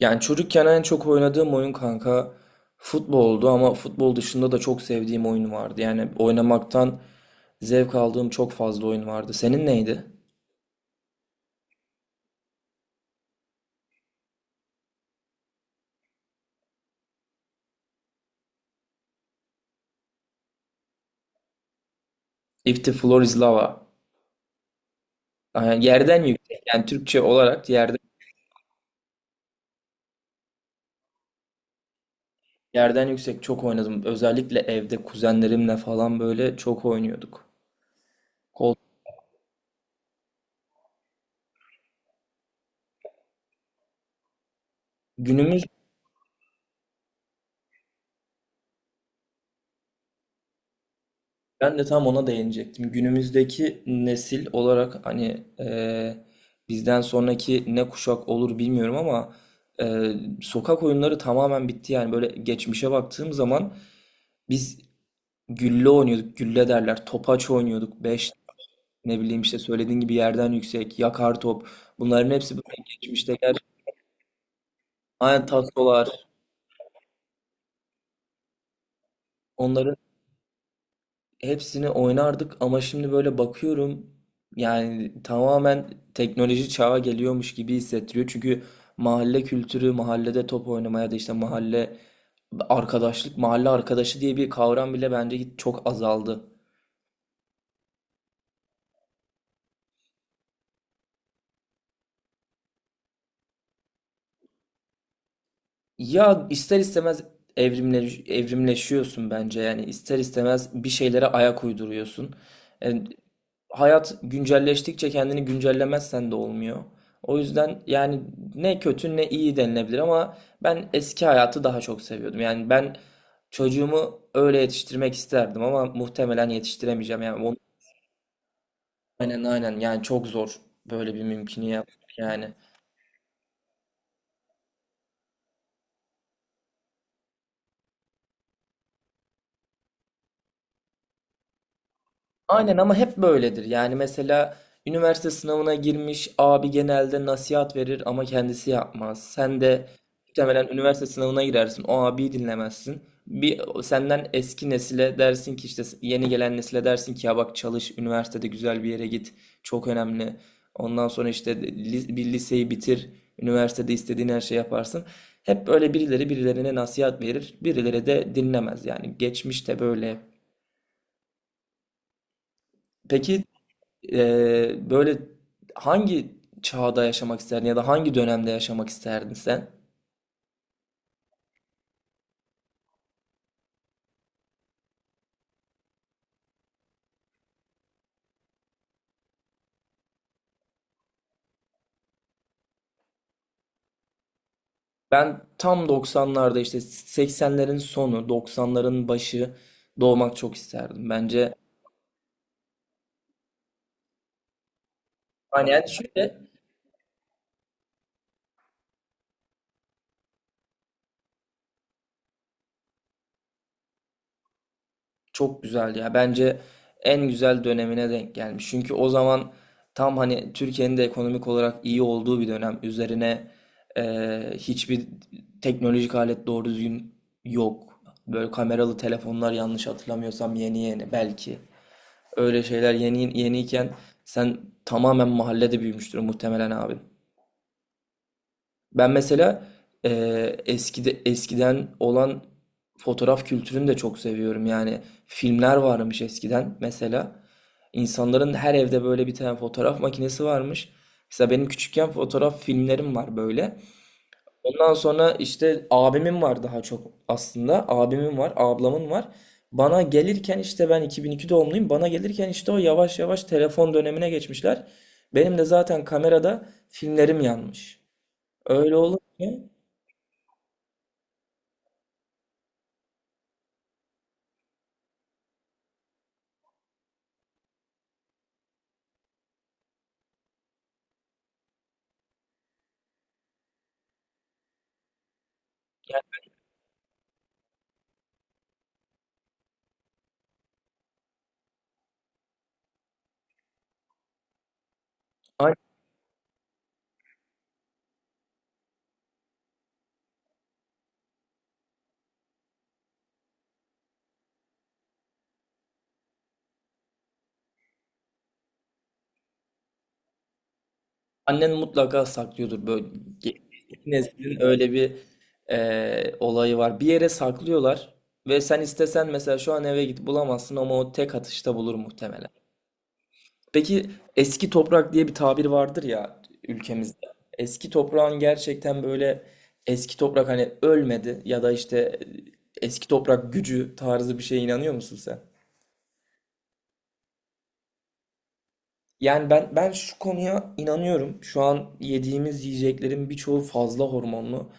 Yani çocukken en çok oynadığım oyun kanka futboldu ama futbol dışında da çok sevdiğim oyun vardı. Yani oynamaktan zevk aldığım çok fazla oyun vardı. Senin neydi? If the Floor is Lava. Yani yerden yüksek. Yani Türkçe olarak yerden yüksek çok oynadım. Özellikle evde kuzenlerimle falan böyle çok oynuyorduk. Kol- Günümüz Ben de tam ona değinecektim. Günümüzdeki nesil olarak hani bizden sonraki ne kuşak olur bilmiyorum ama e, sokak oyunları tamamen bitti. Yani böyle geçmişe baktığım zaman biz gülle oynuyorduk, gülle derler, topaç oynuyorduk, ne bileyim işte söylediğin gibi yerden yüksek, yakar top. Bunların hepsi böyle geçmişte. Aynen tasolar, onların hepsini oynardık ama şimdi böyle bakıyorum yani tamamen teknoloji çağa geliyormuş gibi hissettiriyor. Çünkü mahalle kültürü, mahallede top oynamaya da işte mahalle arkadaşlık, mahalle arkadaşı diye bir kavram bile bence hiç çok azaldı. Ya ister istemez evrimle, evrimleşiyorsun bence yani ister istemez bir şeylere ayak uyduruyorsun. E, Hayat güncelleştikçe kendini güncellemezsen de olmuyor. O yüzden yani ne kötü ne iyi denilebilir ama ben eski hayatı daha çok seviyordum. Yani ben çocuğumu öyle yetiştirmek isterdim ama muhtemelen yetiştiremeyeceğim. Aynen aynen yani çok zor böyle bir mümkünü yapmak yani. Aynen ama hep böyledir. Yani mesela üniversite sınavına girmiş abi genelde nasihat verir ama kendisi yapmaz. Sen de muhtemelen üniversite sınavına girersin. O abiyi dinlemezsin. Bir senden eski nesile dersin ki işte yeni gelen nesile dersin ki ya bak çalış üniversitede güzel bir yere git. Çok önemli. Ondan sonra işte bir liseyi bitir. Üniversitede istediğin her şeyi yaparsın. Hep böyle birileri birilerine nasihat verir. Birileri de dinlemez yani. Geçmişte böyle. Peki, böyle hangi çağda yaşamak isterdin ya da hangi dönemde yaşamak isterdin sen? Ben tam 90'larda işte 80'lerin sonu, 90'ların başı doğmak çok isterdim. Bence hani yani şöyle. Çok güzel ya. Bence en güzel dönemine denk gelmiş. Çünkü o zaman tam hani Türkiye'nin de ekonomik olarak iyi olduğu bir dönem. Üzerine hiçbir teknolojik alet doğru düzgün yok. Böyle kameralı telefonlar yanlış hatırlamıyorsam yeni yeni belki. Öyle şeyler yeni yeniyken sen tamamen mahallede büyümüştür muhtemelen abin. Ben mesela eskiden olan fotoğraf kültürünü de çok seviyorum. Yani filmler varmış eskiden mesela. İnsanların her evde böyle bir tane fotoğraf makinesi varmış. Mesela benim küçükken fotoğraf filmlerim var böyle. Ondan sonra işte abimin var daha çok aslında. Abimin var, ablamın var. Bana gelirken işte ben 2002 doğumluyum. Bana gelirken işte o yavaş yavaş telefon dönemine geçmişler. Benim de zaten kamerada filmlerim yanmış. Öyle olunca Yani an- Annen mutlaka saklıyordur böyle ge- neslin öyle bir olayı var. Bir yere saklıyorlar ve sen istesen mesela şu an eve git bulamazsın ama o tek atışta bulur muhtemelen. Peki, eski toprak diye bir tabir vardır ya ülkemizde. Eski toprağın gerçekten böyle eski toprak hani ölmedi ya da işte eski toprak gücü tarzı bir şeye inanıyor musun sen? Yani ben şu konuya inanıyorum. Şu an yediğimiz yiyeceklerin birçoğu fazla hormonlu.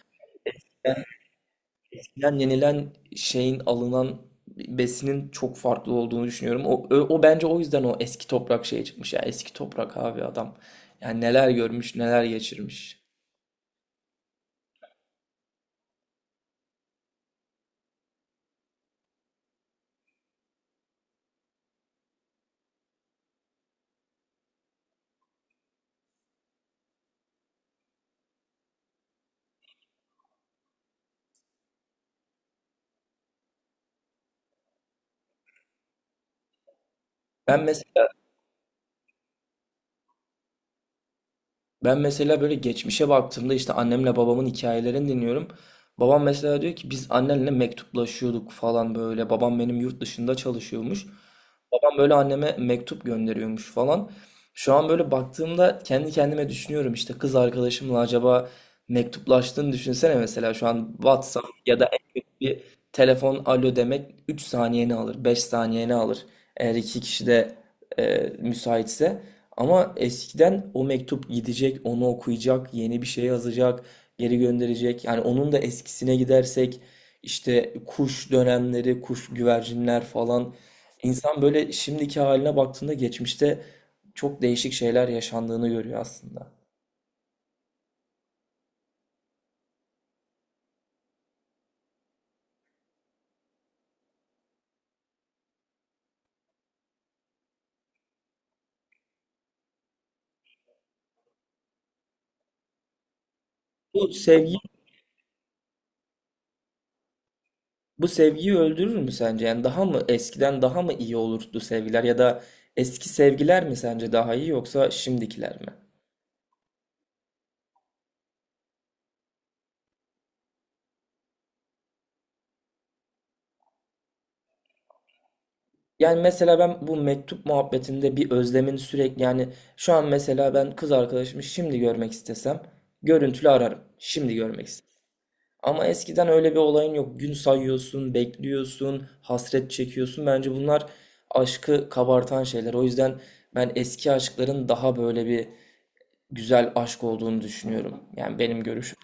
Yenilen yenilen şeyin alınan besinin çok farklı olduğunu düşünüyorum. O bence o yüzden o eski toprak şeye çıkmış ya. Eski toprak abi adam. Yani neler görmüş, neler geçirmiş. Ben mesela Ben mesela böyle geçmişe baktığımda işte annemle babamın hikayelerini dinliyorum. Babam mesela diyor ki biz annenle mektuplaşıyorduk falan böyle. Babam benim yurt dışında çalışıyormuş. Babam böyle anneme mektup gönderiyormuş falan. Şu an böyle baktığımda kendi kendime düşünüyorum işte kız arkadaşımla acaba mektuplaştığını düşünsene mesela şu an WhatsApp ya da en kötü bir telefon alo demek 3 saniyeni alır, 5 saniyeni alır. Eğer iki kişi de müsaitse. Ama eskiden o mektup gidecek, onu okuyacak, yeni bir şey yazacak, geri gönderecek. Yani onun da eskisine gidersek işte kuş dönemleri, kuş güvercinler falan. İnsan böyle şimdiki haline baktığında geçmişte çok değişik şeyler yaşandığını görüyor aslında. Bu sevgi, Bu sevgiyi öldürür mü sence? Yani daha mı eskiden daha mı iyi olurdu sevgiler ya da eski sevgiler mi sence daha iyi yoksa şimdikiler mi? Yani mesela ben bu mektup muhabbetinde bir özlemin sürekli yani şu an mesela ben kız arkadaşımı şimdi görmek istesem görüntülü ararım. Şimdi görmek istesem. Ama eskiden öyle bir olayın yok. Gün sayıyorsun, bekliyorsun, hasret çekiyorsun. Bence bunlar aşkı kabartan şeyler. O yüzden ben eski aşkların daha böyle bir güzel aşk olduğunu düşünüyorum. Yani benim görüşüm.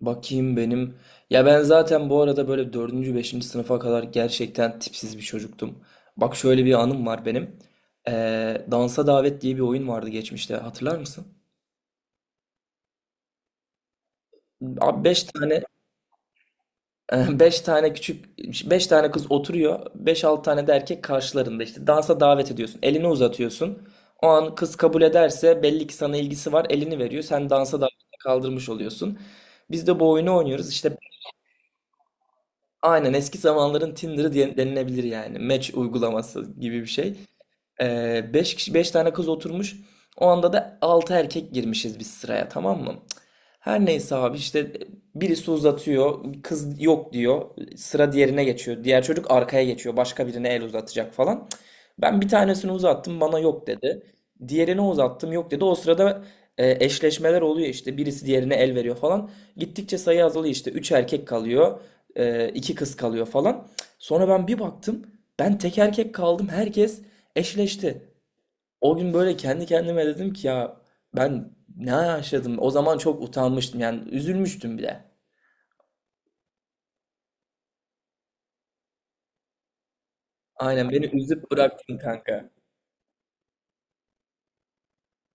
Bakayım benim. Ya ben zaten bu arada böyle dördüncü, beşinci sınıfa kadar gerçekten tipsiz bir çocuktum. Bak şöyle bir anım var benim. Dansa Davet diye bir oyun vardı geçmişte. Hatırlar mısın? Abi beş tane 5 tane küçük 5 tane kız oturuyor. Beş altı tane de erkek karşılarında işte dansa davet ediyorsun. Elini uzatıyorsun. O an kız kabul ederse belli ki sana ilgisi var. Elini veriyor. Sen dansa davet kaldırmış oluyorsun. Biz de bu oyunu oynuyoruz. İşte. Aynen eski zamanların Tinder'ı diye denilebilir yani. Match uygulaması gibi bir şey. Beş kişi, beş tane kız oturmuş. O anda da altı erkek girmişiz biz sıraya, tamam mı? Her neyse abi işte birisi uzatıyor, kız yok diyor, sıra diğerine geçiyor. Diğer çocuk arkaya geçiyor, başka birine el uzatacak falan. Ben bir tanesini uzattım, bana yok dedi. Diğerine uzattım, yok dedi. O sırada eşleşmeler oluyor işte, birisi diğerine el veriyor falan. Gittikçe sayı azalıyor işte, üç erkek kalıyor, iki kız kalıyor falan. Sonra ben bir baktım, ben tek erkek kaldım, herkes eşleşti. O gün böyle kendi kendime dedim ki ya ben ne yaşadım? O zaman çok utanmıştım yani üzülmüştüm bile. Aynen beni üzüp bıraktın kanka.